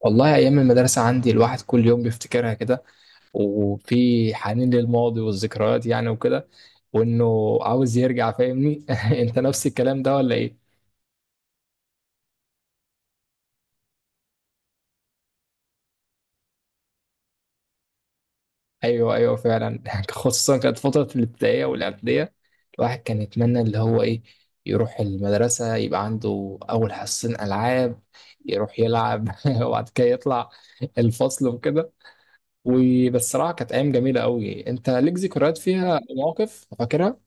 والله أيام المدرسة عندي، الواحد كل يوم بيفتكرها كده، وفي حنين للماضي والذكريات يعني وكده، وإنه عاوز يرجع. فاهمني؟ أنت نفس الكلام ده ولا إيه؟ أيوه أيوه، فعلا. خصوصا كانت فترة الابتدائية والإعدادية، الواحد كان يتمنى اللي هو إيه، يروح المدرسة يبقى عنده أول حصتين ألعاب، يروح يلعب وبعد كده يطلع الفصل وكده. وبالصراحة كانت أيام جميلة أوي. أنت ليك ذكريات فيها مواقف فاكرها؟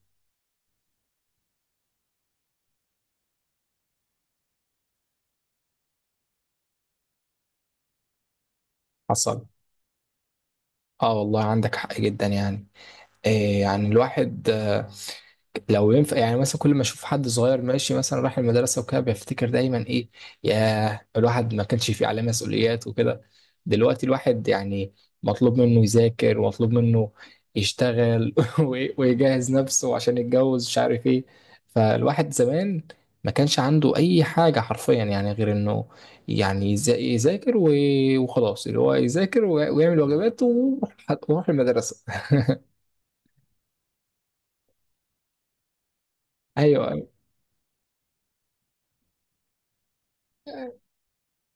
حصل. اه والله عندك حق جدا يعني. إيه يعني الواحد، لو ينفع يعني، مثلا كل ما اشوف حد صغير ماشي مثلا رايح المدرسه وكده، بفتكر دايما ايه، يا الواحد ما كانش فيه عليه مسؤوليات وكده. دلوقتي الواحد يعني مطلوب منه يذاكر، ومطلوب منه يشتغل ويجهز نفسه عشان يتجوز، مش عارف ايه. فالواحد زمان ما كانش عنده اي حاجه حرفيا يعني، غير انه يعني يذاكر وخلاص، اللي هو يذاكر ويعمل واجباته ويروح، ويروح المدرسه. ايوه.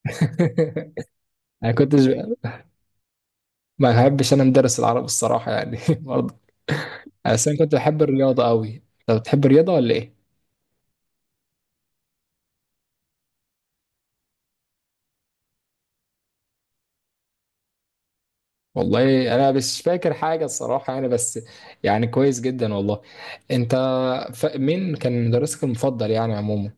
انا كنتش ما بحبش انا ندرس العربي الصراحه يعني. برضه، بس انا كنت بحب الرياضه قوي. طب بتحب الرياضه ولا ايه؟ والله انا مش فاكر حاجه الصراحه يعني، بس يعني كويس جدا والله. انت مين كان مدرسك المفضل يعني عموما؟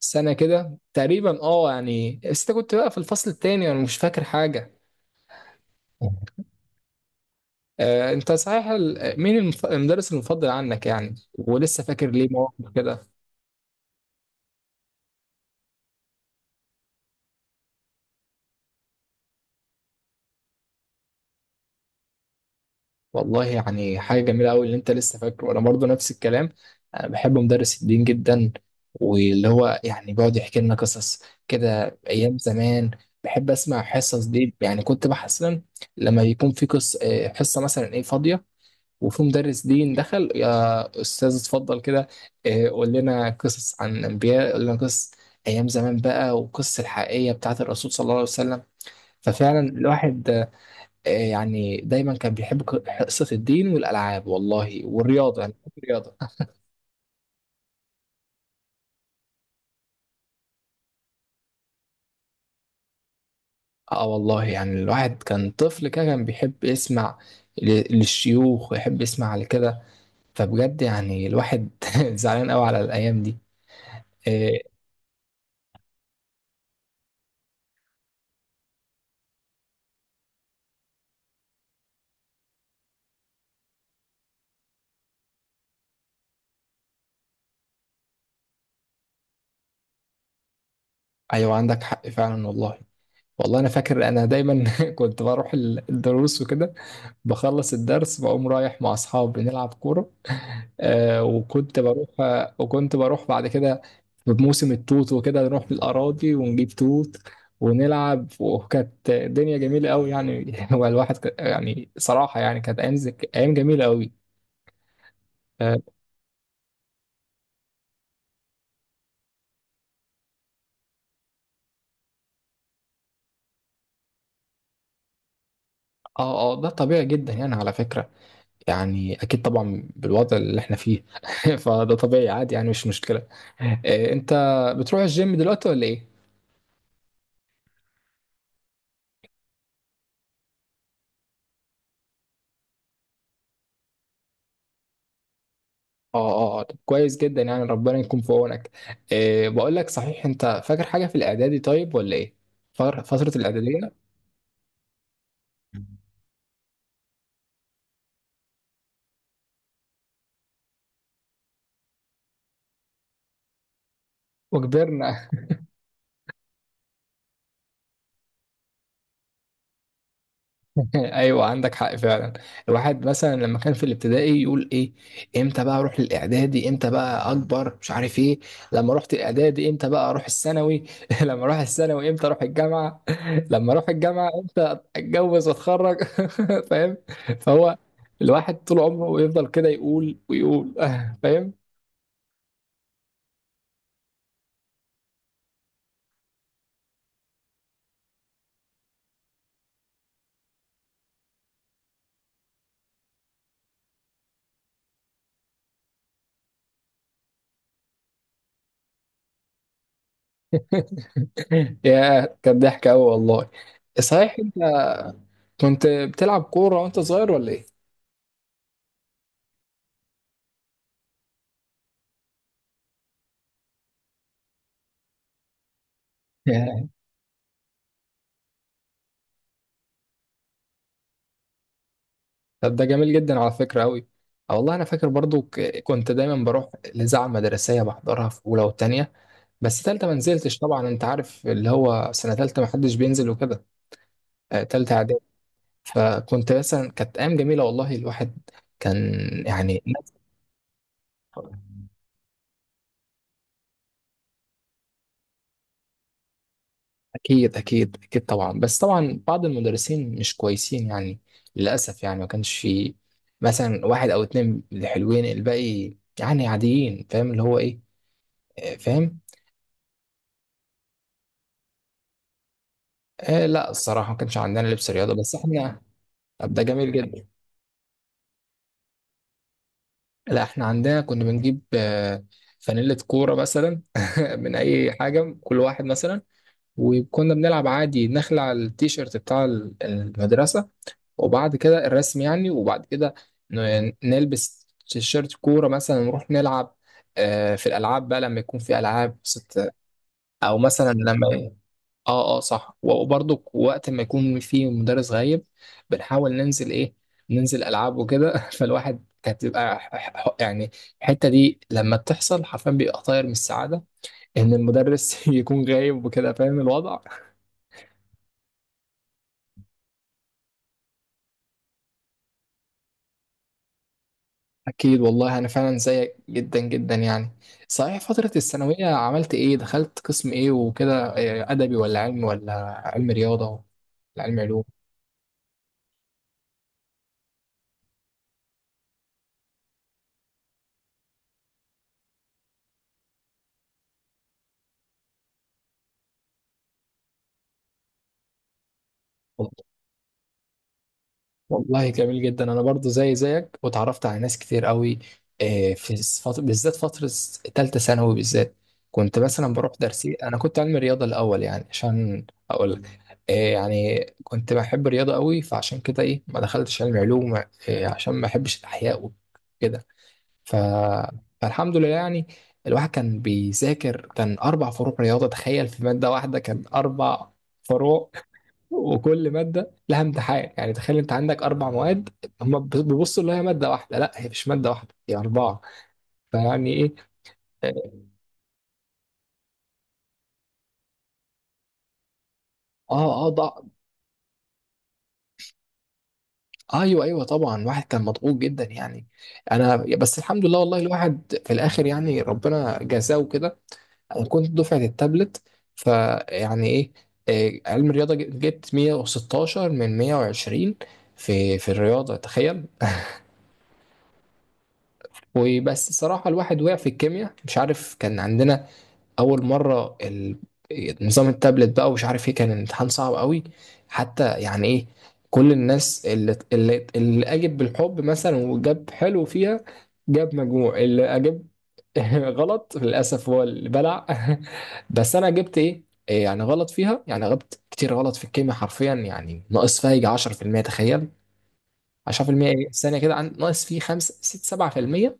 سنه كده تقريبا، اه يعني، بس انت كنت بقى في الفصل التاني، انا مش فاكر حاجه. آه انت صحيح، مين المدرس المفضل عنك يعني، ولسه فاكر ليه مواقف كده؟ والله يعني حاجة جميلة قوي اللي انت لسه فاكره. انا برضو نفس الكلام، انا بحب مدرس الدين جدا، واللي هو يعني بيقعد يحكي لنا قصص كده ايام زمان. بحب اسمع الحصص دي يعني، كنت بحس إن لما بيكون في قص آه، حصة مثلا ايه فاضية، وفي مدرس دين دخل، يا استاذ اتفضل كده، قول لنا قصص عن الانبياء، قول لنا قصص ايام زمان بقى، والقصص الحقيقية بتاعت الرسول صلى الله عليه وسلم. ففعلا الواحد يعني دايما كان بيحب حصة الدين والألعاب والله والرياضة، يعني بيحب الرياضة. اه والله يعني الواحد كان طفل كده، كان بيحب يسمع للشيوخ ويحب يسمع لكده. فبجد يعني الواحد زعلان قوي على الأيام دي. آه، أيوة عندك حق فعلا والله. والله انا فاكر، انا دايما كنت بروح الدروس وكده، بخلص الدرس بقوم رايح مع اصحابي نلعب كوره. آه وكنت بروح بعد كده بموسم التوت وكده، نروح بالاراضي ونجيب توت ونلعب. وكانت الدنيا جميله قوي يعني. هو الواحد يعني صراحه يعني كانت ايام ايام جميله قوي. اه اه، ده طبيعي جدا يعني على فكره، يعني اكيد طبعا بالوضع اللي احنا فيه. فده طبيعي عادي يعني، مش مشكله. إيه، انت بتروح الجيم دلوقتي ولا ايه؟ اه اه، طب كويس جدا يعني، ربنا يكون في عونك. إيه، بقول لك صحيح، انت فاكر حاجه في الاعدادي طيب ولا ايه؟ فتره الاعداديه. وكبرنا. ايوه عندك حق فعلا. الواحد مثلا لما كان في الابتدائي يقول ايه، امتى بقى اروح للاعدادي، امتى بقى اكبر، مش عارف ايه. لما رحت الاعدادي امتى بقى اروح الثانوي. لما اروح الثانوي امتى اروح الجامعه. لما اروح الجامعه امتى اتجوز واتخرج. فاهم؟ فهو الواحد طول عمره يفضل كده يقول ويقول. فاهم؟ يا كان ضحك قوي والله. صحيح انت كنت بتلعب كوره وانت صغير ولا ايه؟ طب ده جميل جدا على فكرة أوي. أه والله أنا فاكر برضو، كنت دايما بروح الإذاعة المدرسية، بحضرها في أولى وتانية، بس تالتة ما نزلتش طبعا. أنت عارف اللي هو سنة تالتة ما حدش بينزل وكده، تالتة إعدادي. فكنت مثلا، كانت أيام جميلة والله، الواحد كان يعني. أكيد أكيد أكيد طبعا. بس طبعا بعض المدرسين مش كويسين يعني، للأسف يعني ما كانش في مثلا واحد أو اتنين اللي حلوين، الباقي يعني عاديين. فاهم اللي هو إيه، فاهم. آه لا، الصراحة ما كانش عندنا لبس رياضة، بس احنا. طب ده جميل جدا. لا احنا عندنا كنا بنجيب فانيلة كورة مثلا، من أي حاجة، كل واحد مثلا. وكنا بنلعب عادي، نخلع على التيشيرت بتاع المدرسة وبعد كده الرسم يعني، وبعد كده نلبس تيشيرت كورة مثلا ونروح نلعب في الألعاب بقى، لما يكون في ألعاب ست، أو مثلا لما. اه اه صح، وبرضه وقت ما يكون في مدرس غايب بنحاول ننزل ايه، ننزل العاب وكده. فالواحد كانت بتبقى يعني الحته دي لما بتحصل حرفيا بيبقى طاير من السعاده ان المدرس يكون غايب وكده. فاهم الوضع؟ اكيد والله، انا فعلا زيك جدا جدا يعني. صحيح فتره الثانويه عملت ايه، دخلت قسم ايه وكده؟ إيه، ادبي ولا علمي ولا علم رياضه ولا علم علوم؟ والله جميل جدا. انا برضو زي زيك، واتعرفت على ناس كتير قوي في فترة، بالذات فترة تالتة ثانوي بالذات، كنت مثلا بروح درسي. انا كنت علمي رياضة الاول، يعني عشان اقول لك، يعني كنت بحب الرياضة قوي، فعشان كده ايه ما دخلتش علمي علوم، عشان ما احبش الاحياء وكده. ف... فالحمد لله يعني. الواحد كان بيذاكر، كان اربع فروع رياضة، تخيل! في مادة واحدة كان اربع فروع، وكل ماده لها امتحان، يعني تخيل انت عندك اربع مواد، هم بيبصوا اللي هي ماده واحده، لا، هي مش ماده واحده، هي اربعه. فيعني ايه. اه اه، ايوه ايوه طبعا، واحد كان مضغوط جدا يعني. انا بس الحمد لله والله، الواحد في الاخر يعني ربنا جزاه كده. انا كنت دفعه التابلت. فيعني ايه. إيه، علم الرياضه جبت 116 من 120، في في الرياضه، تخيل. وبس صراحة الواحد وقع في الكيمياء، مش عارف، كان عندنا اول مره نظام التابلت بقى، ومش عارف ايه، كان الامتحان صعب قوي حتى. يعني ايه، كل الناس اللي اجب بالحب مثلا وجاب حلو فيها، جاب مجموع. اللي اجب غلط للاسف هو اللي بلع. بس انا جبت ايه، إيه يعني غلط فيها، يعني غبت كتير غلط في الكيمياء حرفيا يعني، ناقص فيها يجي 10%، تخيل! 10% إيه؟ الثانيه كده، ناقص فيه 5 6 7%.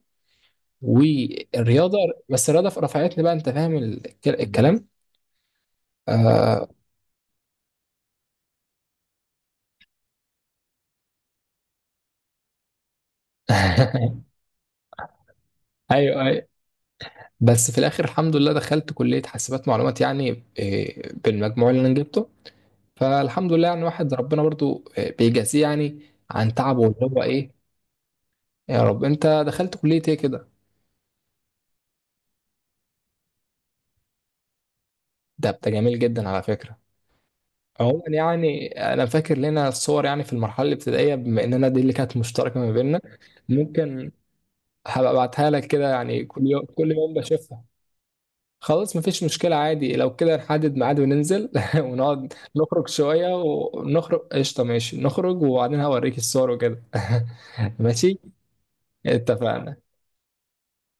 والرياضه، بس الرياضه رفعتني بقى، انت فاهم الكلام؟ آه... ايوه ايوه. بس في الاخر الحمد لله دخلت كليه حاسبات معلومات يعني إيه، بالمجموع اللي انا جبته. فالحمد لله يعني، واحد ربنا برضو إيه، بيجازيه يعني عن تعبه اللي هو ايه. يا رب. انت دخلت كليه ايه كده؟ ده جميل جدا على فكره. عموما يعني انا فاكر لنا الصور يعني في المرحله الابتدائيه، بما اننا دي اللي كانت مشتركه ما بيننا، ممكن هبقى ابعتها لك كده، يعني كل يوم كل يوم بشوفها. خلاص مفيش مشكلة، عادي لو كده نحدد ميعاد وننزل، ونقعد نخرج شوية، ونخرج قشطة، ماشي نخرج وبعدين هوريك الصور وكده. ماشي اتفقنا.